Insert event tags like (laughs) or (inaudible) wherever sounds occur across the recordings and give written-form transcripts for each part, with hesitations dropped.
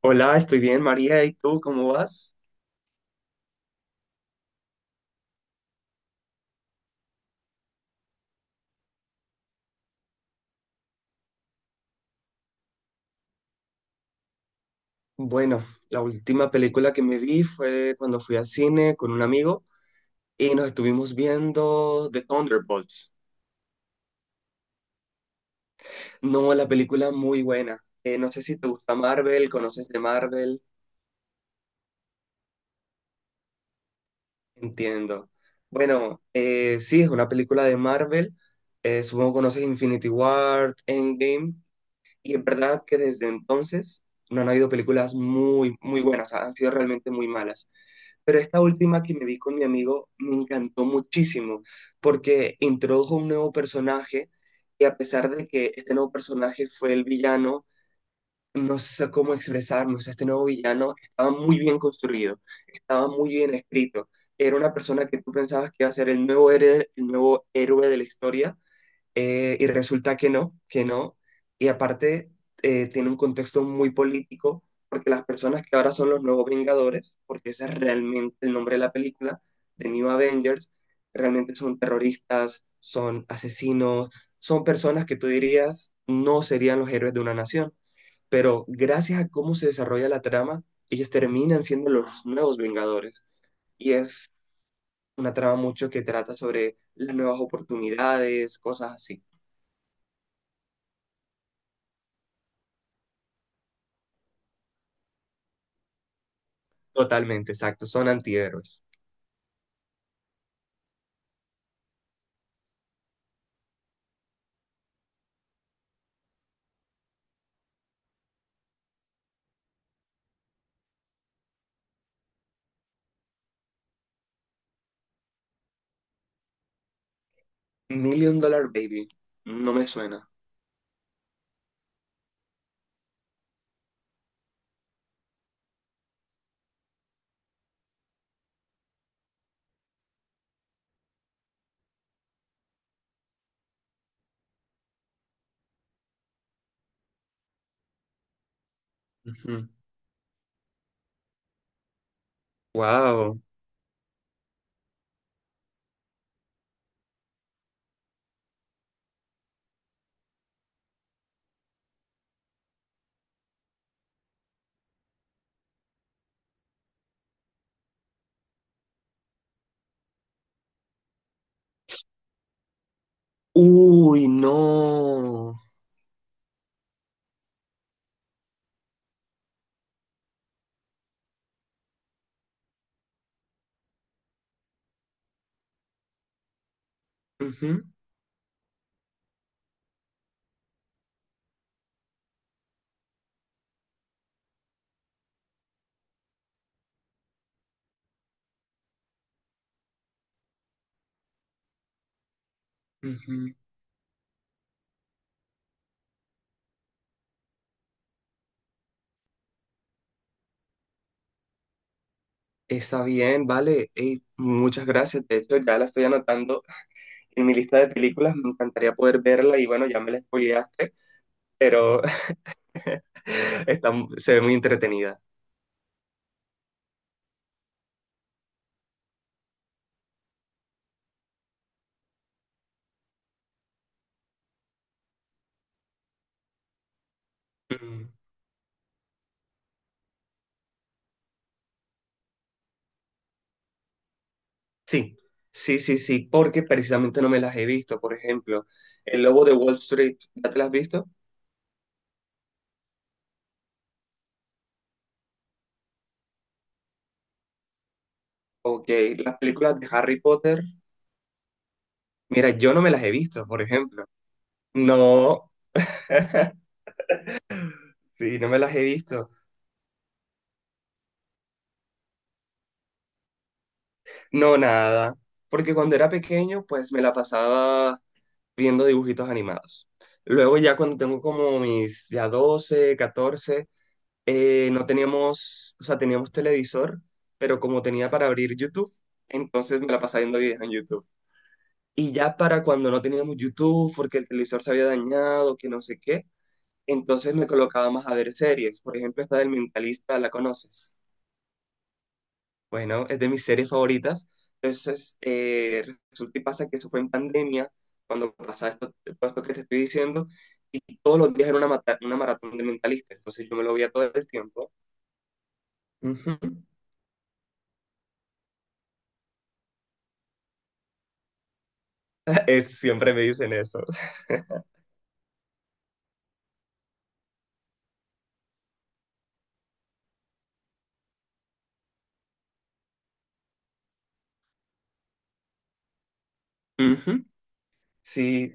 Hola, estoy bien, María. ¿Y tú cómo vas? Bueno, la última película que me vi fue cuando fui al cine con un amigo y nos estuvimos viendo The Thunderbolts. No, la película muy buena. No sé si te gusta Marvel, conoces de Marvel, entiendo. Bueno, sí, es una película de Marvel. Supongo que conoces Infinity War, Endgame. Y en verdad que desde entonces no han habido películas muy, muy buenas, han sido realmente muy malas. Pero esta última que me vi con mi amigo me encantó muchísimo porque introdujo un nuevo personaje y a pesar de que este nuevo personaje fue el villano, no sé cómo expresarnos, este nuevo villano estaba muy bien construido, estaba muy bien escrito. Era una persona que tú pensabas que iba a ser el nuevo héroe de la historia, y resulta que no, que no. Y aparte, tiene un contexto muy político, porque las personas que ahora son los nuevos Vengadores, porque ese es realmente el nombre de la película, The New Avengers, realmente son terroristas, son asesinos, son personas que tú dirías no serían los héroes de una nación. Pero gracias a cómo se desarrolla la trama, ellos terminan siendo los nuevos Vengadores. Y es una trama mucho que trata sobre las nuevas oportunidades, cosas así. Totalmente, exacto, son antihéroes. Million Dollar Baby, no me suena. Ujú. Wow. Uy, no. Ujú, ujú. Está bien, vale. Ey, muchas gracias. De hecho, ya la estoy anotando en mi lista de películas. Me encantaría poder verla y bueno, ya me la spoileaste, pero (laughs) está, se ve muy entretenida. Mm, sí, sí, sí, sí, porque precisamente no me las he visto. Por ejemplo, El Lobo de Wall Street, ¿ya te las has visto? Ok, las películas de Harry Potter, mira, yo no me las he visto, por ejemplo. No, (laughs) sí, no me las he visto. No, nada. Porque cuando era pequeño, pues me la pasaba viendo dibujitos animados. Luego ya cuando tengo como mis ya 12, 14, no teníamos, o sea, teníamos televisor, pero como tenía para abrir YouTube, entonces me la pasaba viendo videos en YouTube. Y ya para cuando no teníamos YouTube, porque el televisor se había dañado, que no sé qué. Entonces me colocaba más a ver series. Por ejemplo, esta del Mentalista, ¿la conoces? Bueno, es de mis series favoritas. Entonces, resulta y pasa que eso fue en pandemia, cuando pasaba esto, todo esto que te estoy diciendo, y todos los días era una, una maratón de Mentalista. Entonces yo me lo veía todo el tiempo. Ujú. (laughs) Siempre me dicen eso. (laughs) Ujú. Sí,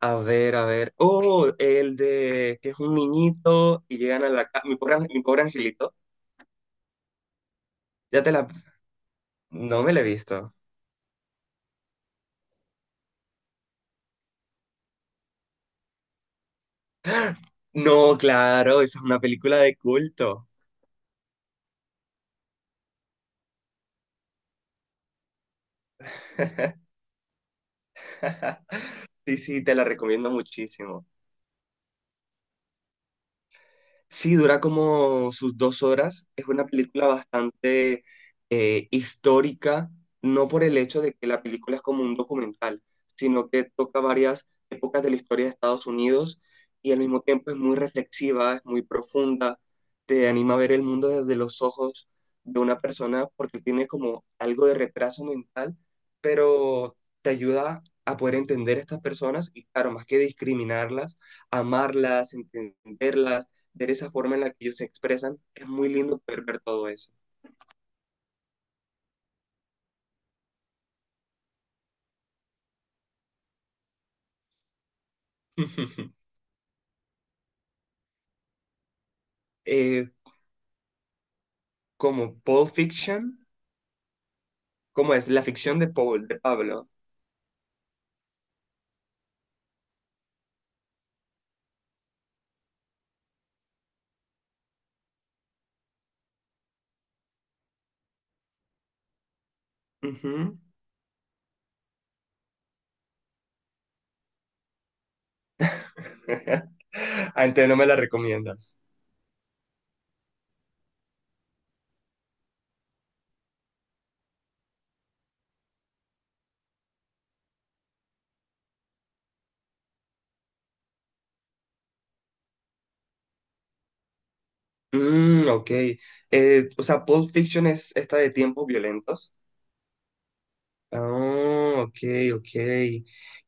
a ver, a ver. Oh, el de que es un niñito y llegan a la casa. Mi pobre angelito. Ya te la. No me la he visto. No, claro, esa es una película de culto. (laughs) Sí, sí, te la recomiendo muchísimo. Sí, dura como sus 2 horas. Es una película bastante histórica, no por el hecho de que la película es como un documental, sino que toca varias épocas de la historia de Estados Unidos y al mismo tiempo es muy reflexiva, es muy profunda, te anima a ver el mundo desde los ojos de una persona porque tiene como algo de retraso mental, pero te ayuda a poder entender a estas personas y claro, más que discriminarlas, amarlas, entenderlas de esa forma en la que ellos se expresan, es muy lindo poder ver todo eso. (laughs) Eh, Como Paul Fiction, ¿cómo es? La ficción de Paul, de Pablo. Ujú. (laughs) Ah, entonces no me la recomiendas. Mm, ok. O sea, Pulp Fiction es esta de tiempos violentos. Ah, ok, ok.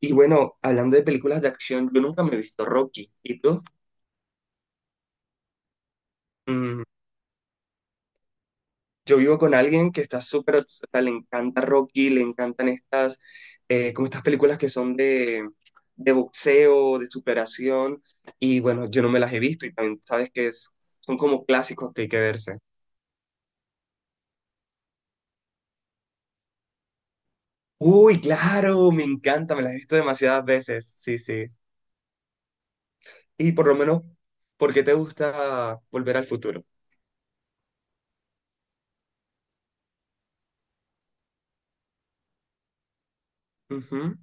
Y bueno, hablando de películas de acción, yo nunca me he visto Rocky. ¿Y tú? Mm, yo vivo con alguien que está súper, o sea, le encanta Rocky, le encantan estas, como estas películas que son de boxeo, de superación, y bueno, yo no me las he visto y también sabes que es, son como clásicos que hay que verse. Uy, claro, me encanta, me las he visto demasiadas veces, sí, sí. Y por lo menos, ¿por qué te gusta Volver al Futuro? Ujú,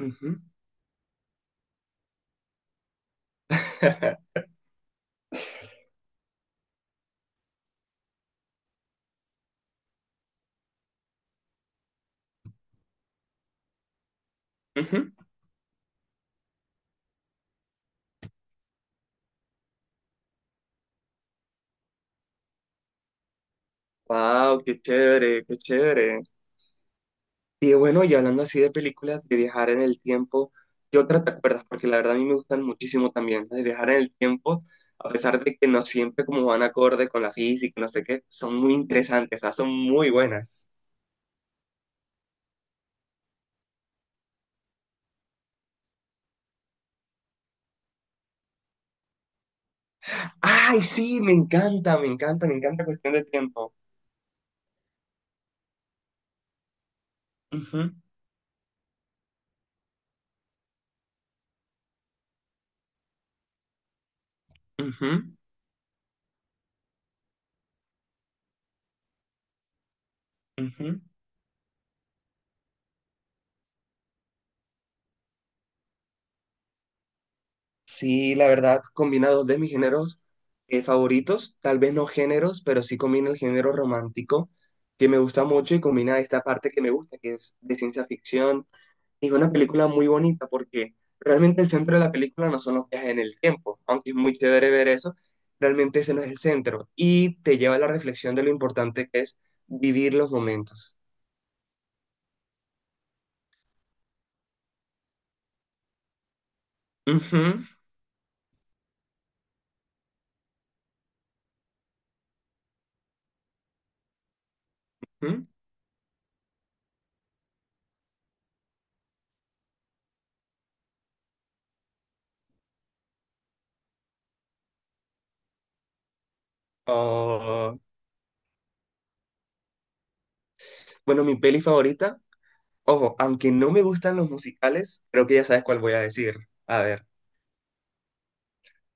ujú, (laughs) ujú. Wow, qué chévere, qué chévere. Y bueno, y hablando así de películas, de viajar en el tiempo, ¿qué otra te acuerdas? Porque la verdad a mí me gustan muchísimo también las de viajar en el tiempo, a pesar de que no siempre como van acorde con la física, no sé qué, son muy interesantes, o sea, son muy buenas. ¡Ay, sí! Me encanta, me encanta, me encanta Cuestión de Tiempo. Ujú, ujú, ujú. Sí, la verdad, combina dos de mis géneros favoritos, tal vez no géneros, pero sí combina el género romántico, que me gusta mucho y combina esta parte que me gusta, que es de ciencia ficción. Es una película muy bonita porque realmente el centro de la película no son los viajes en el tiempo, aunque es muy chévere ver eso, realmente ese no es el centro. Y te lleva a la reflexión de lo importante que es vivir los momentos. Ujú, ujú. Oh, bueno, mi peli favorita. Ojo, aunque no me gustan los musicales, creo que ya sabes cuál voy a decir. A ver.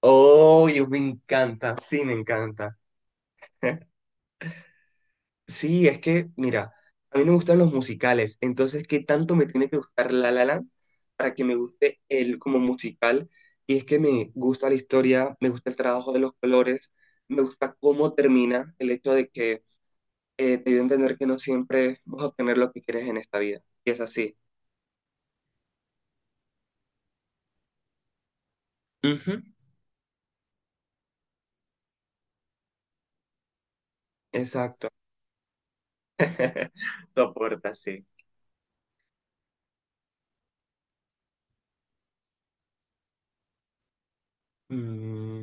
Oh, me encanta. Sí, me encanta. Sí, es que, mira, a mí no me gustan los musicales. Entonces, ¿qué tanto me tiene que gustar La La Land para que me guste él como musical? Y es que me gusta la historia, me gusta el trabajo de los colores, me gusta cómo termina el hecho de que te dio a entender que no siempre vas a obtener lo que quieres en esta vida. Y es así. Ujú, exacto. (laughs) Soporta, sí. Mm,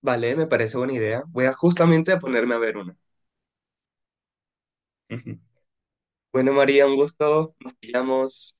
vale, me parece buena idea. Voy a justamente a ponerme a ver una. Ujú. Bueno, María, un gusto. Nos pillamos.